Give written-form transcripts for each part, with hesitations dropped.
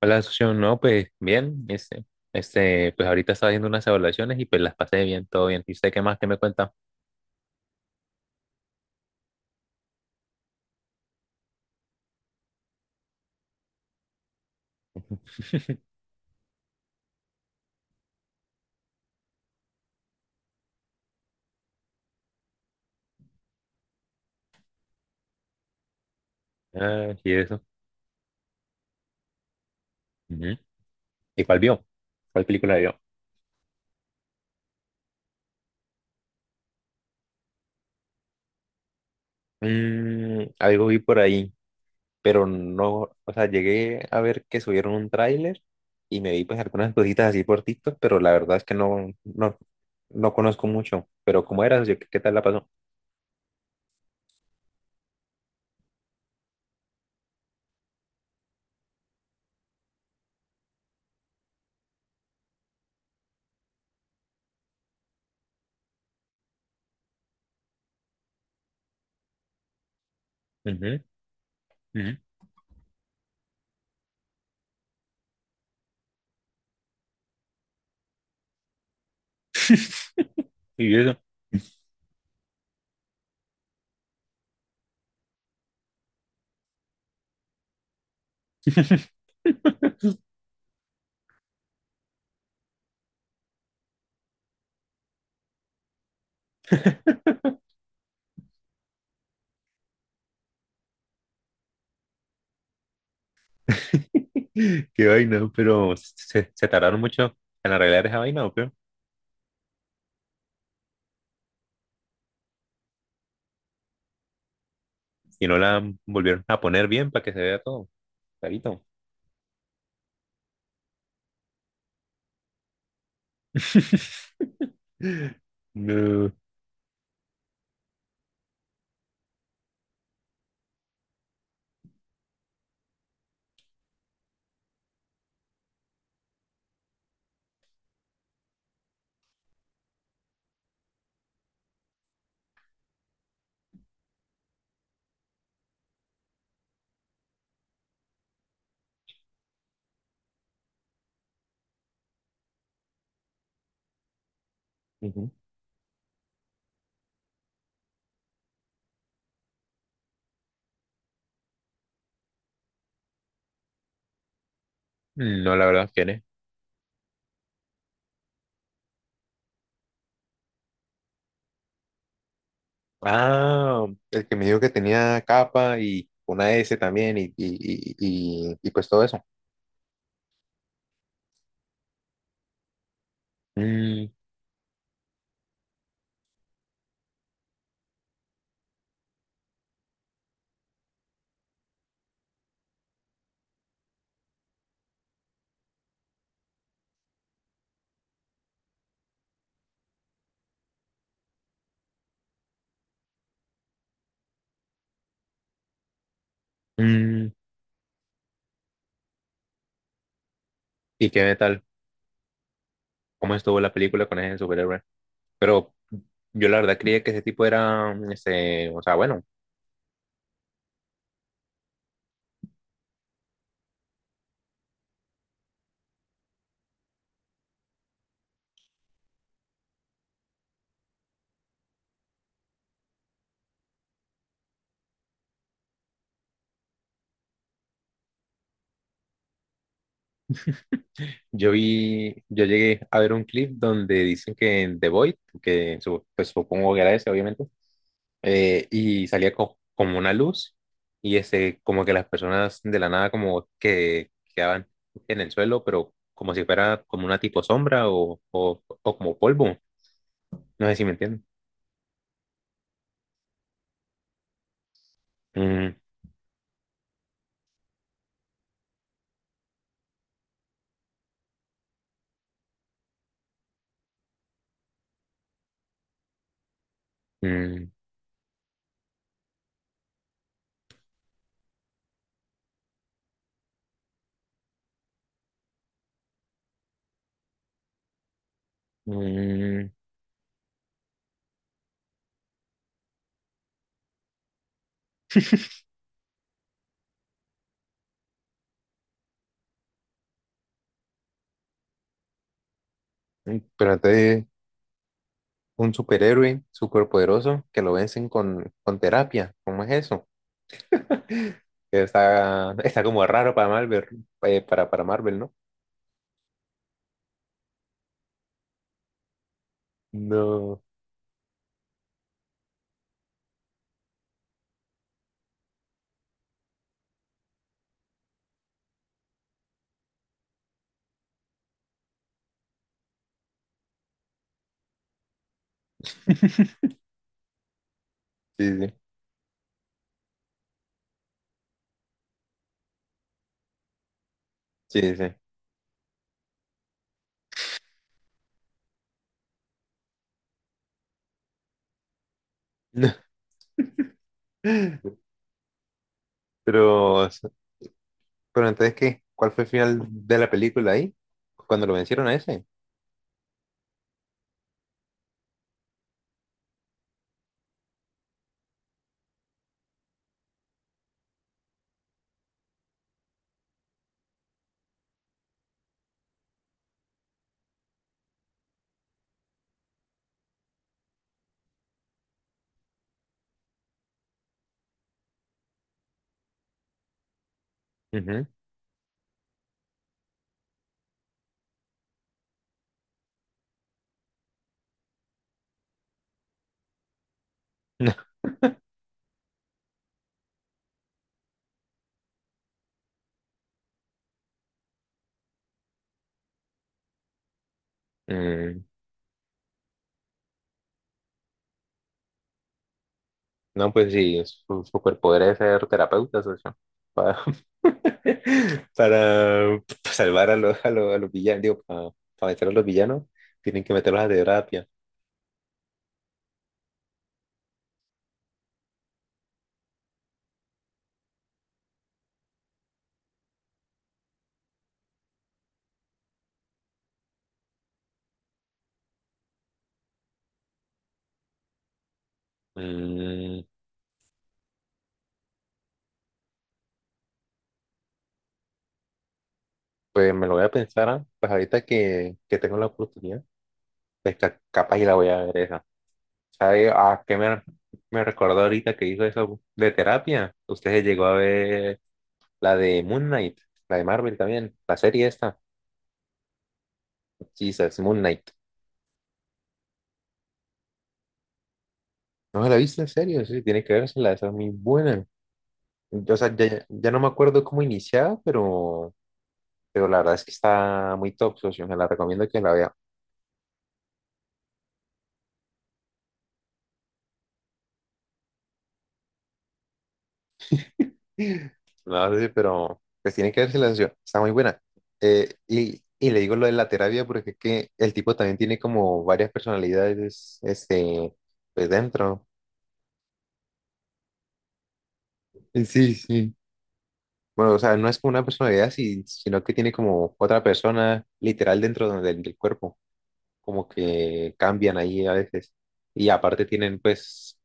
Hola, socio. No, pues bien. Pues ahorita estaba haciendo unas evaluaciones y pues las pasé bien, todo bien. ¿Y usted qué más? ¿Qué me cuenta? Ah, ¿y eso? Ujú. ¿Y cuál vio? ¿Cuál película vio? Mm, algo vi por ahí, pero no, o sea, llegué a ver que subieron un tráiler y me vi pues algunas cositas así por TikTok, pero la verdad es que no conozco mucho. Pero ¿cómo era, socio? ¿Qué tal la pasó? Ujú, ujú. ¿Y eso? Qué vaina, pero se tardaron mucho en arreglar esa vaina, ¿o qué? ¿Y no la volvieron a poner bien para que se vea todo clarito? No, ujú. No, la verdad, ¿quién es? Ah, el que me dijo que tenía capa y una S también y pues todo eso. Mm, mm. ¿Y qué tal? ¿Cómo estuvo la película con ese superhéroe? Pero yo la verdad creía que ese tipo era, este, o sea, bueno. Yo vi, yo llegué a ver un clip donde dicen que en The Void, que pues supongo que era ese, obviamente, y salía como una luz, y ese, como que las personas de la nada como que quedaban en el suelo, pero como si fuera como una tipo sombra o como polvo. No sé si me entienden. Mm, mm, mm. Mm, trata de un superhéroe superpoderoso que lo vencen con terapia. ¿Cómo es eso? Está, está como raro para Marvel, para Marvel, ¿no? No, sí, sí, sí, sí. Pero, pero entonces, ¿qué? ¿Cuál fue el final de la película ahí? Cuando lo vencieron a ese. Ujú. Mm, no, pues sí, su superpoder es ser terapeuta, socio. Para, para salvar a los villanos, digo, para meter a los villanos, tienen que meterlos a terapia. Mm, pues me lo voy a pensar. Ah, pues ahorita que tengo la oportunidad, pues capaz y la voy a ver esa. ¿Sabe a qué me, me recordó ahorita que hizo eso de terapia? Usted se llegó a ver la de Moon Knight, la de Marvel también, la serie esta. Jesus, Moon Knight. ¿No la viste en serio? Sí, tiene que la esa es muy buena. Yo, o sea, ya, ya no me acuerdo cómo iniciaba, pero la verdad es que está muy top, socio, me la recomiendo que la vea. No, sí, pero pues tiene que verse la sesión, está muy buena. Y le digo lo de la terapia porque es que el tipo también tiene como varias personalidades, este, pues dentro. Sí, sí. Bueno, o sea, no es como una personalidad, sino que tiene como otra persona literal dentro del cuerpo, como que cambian ahí a veces. Y aparte tienen pues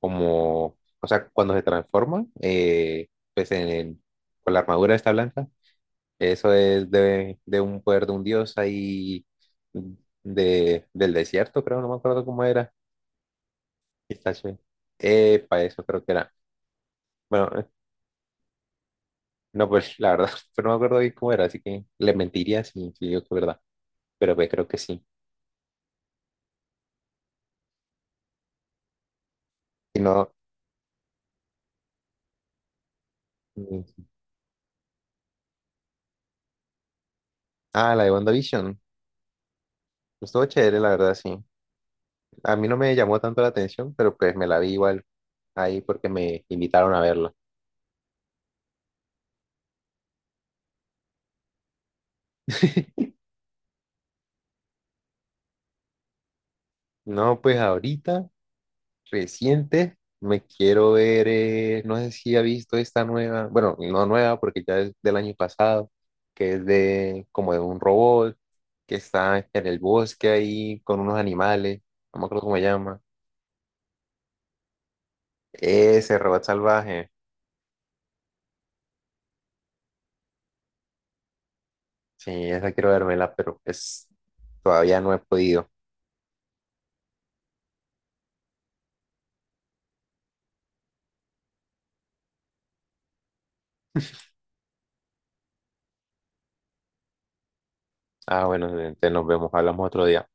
como, o sea, cuando se transforma pues en, con la armadura esta blanca, eso es de un poder de un dios ahí de, del desierto, creo, no me acuerdo cómo era. Está chévere. Epa, eso creo que era. Bueno, no, pues la verdad, pero no me acuerdo bien cómo era, así que le mentiría si, si digo que es verdad. Pero pues creo que sí. Si no, mm, ah, la de WandaVision. Estuvo chévere, la verdad, sí. A mí no me llamó tanto la atención, pero pues me la vi igual ahí porque me invitaron a verla. No, pues ahorita reciente, me quiero ver, no sé si ha visto esta nueva, bueno, no nueva porque ya es del año pasado, que es de como de un robot que está en el bosque ahí con unos animales, no me acuerdo cómo se llama. Ese robot salvaje, sí, esa quiero vérmela pero es, todavía no he podido. Ah, bueno, entonces nos vemos, hablamos otro día.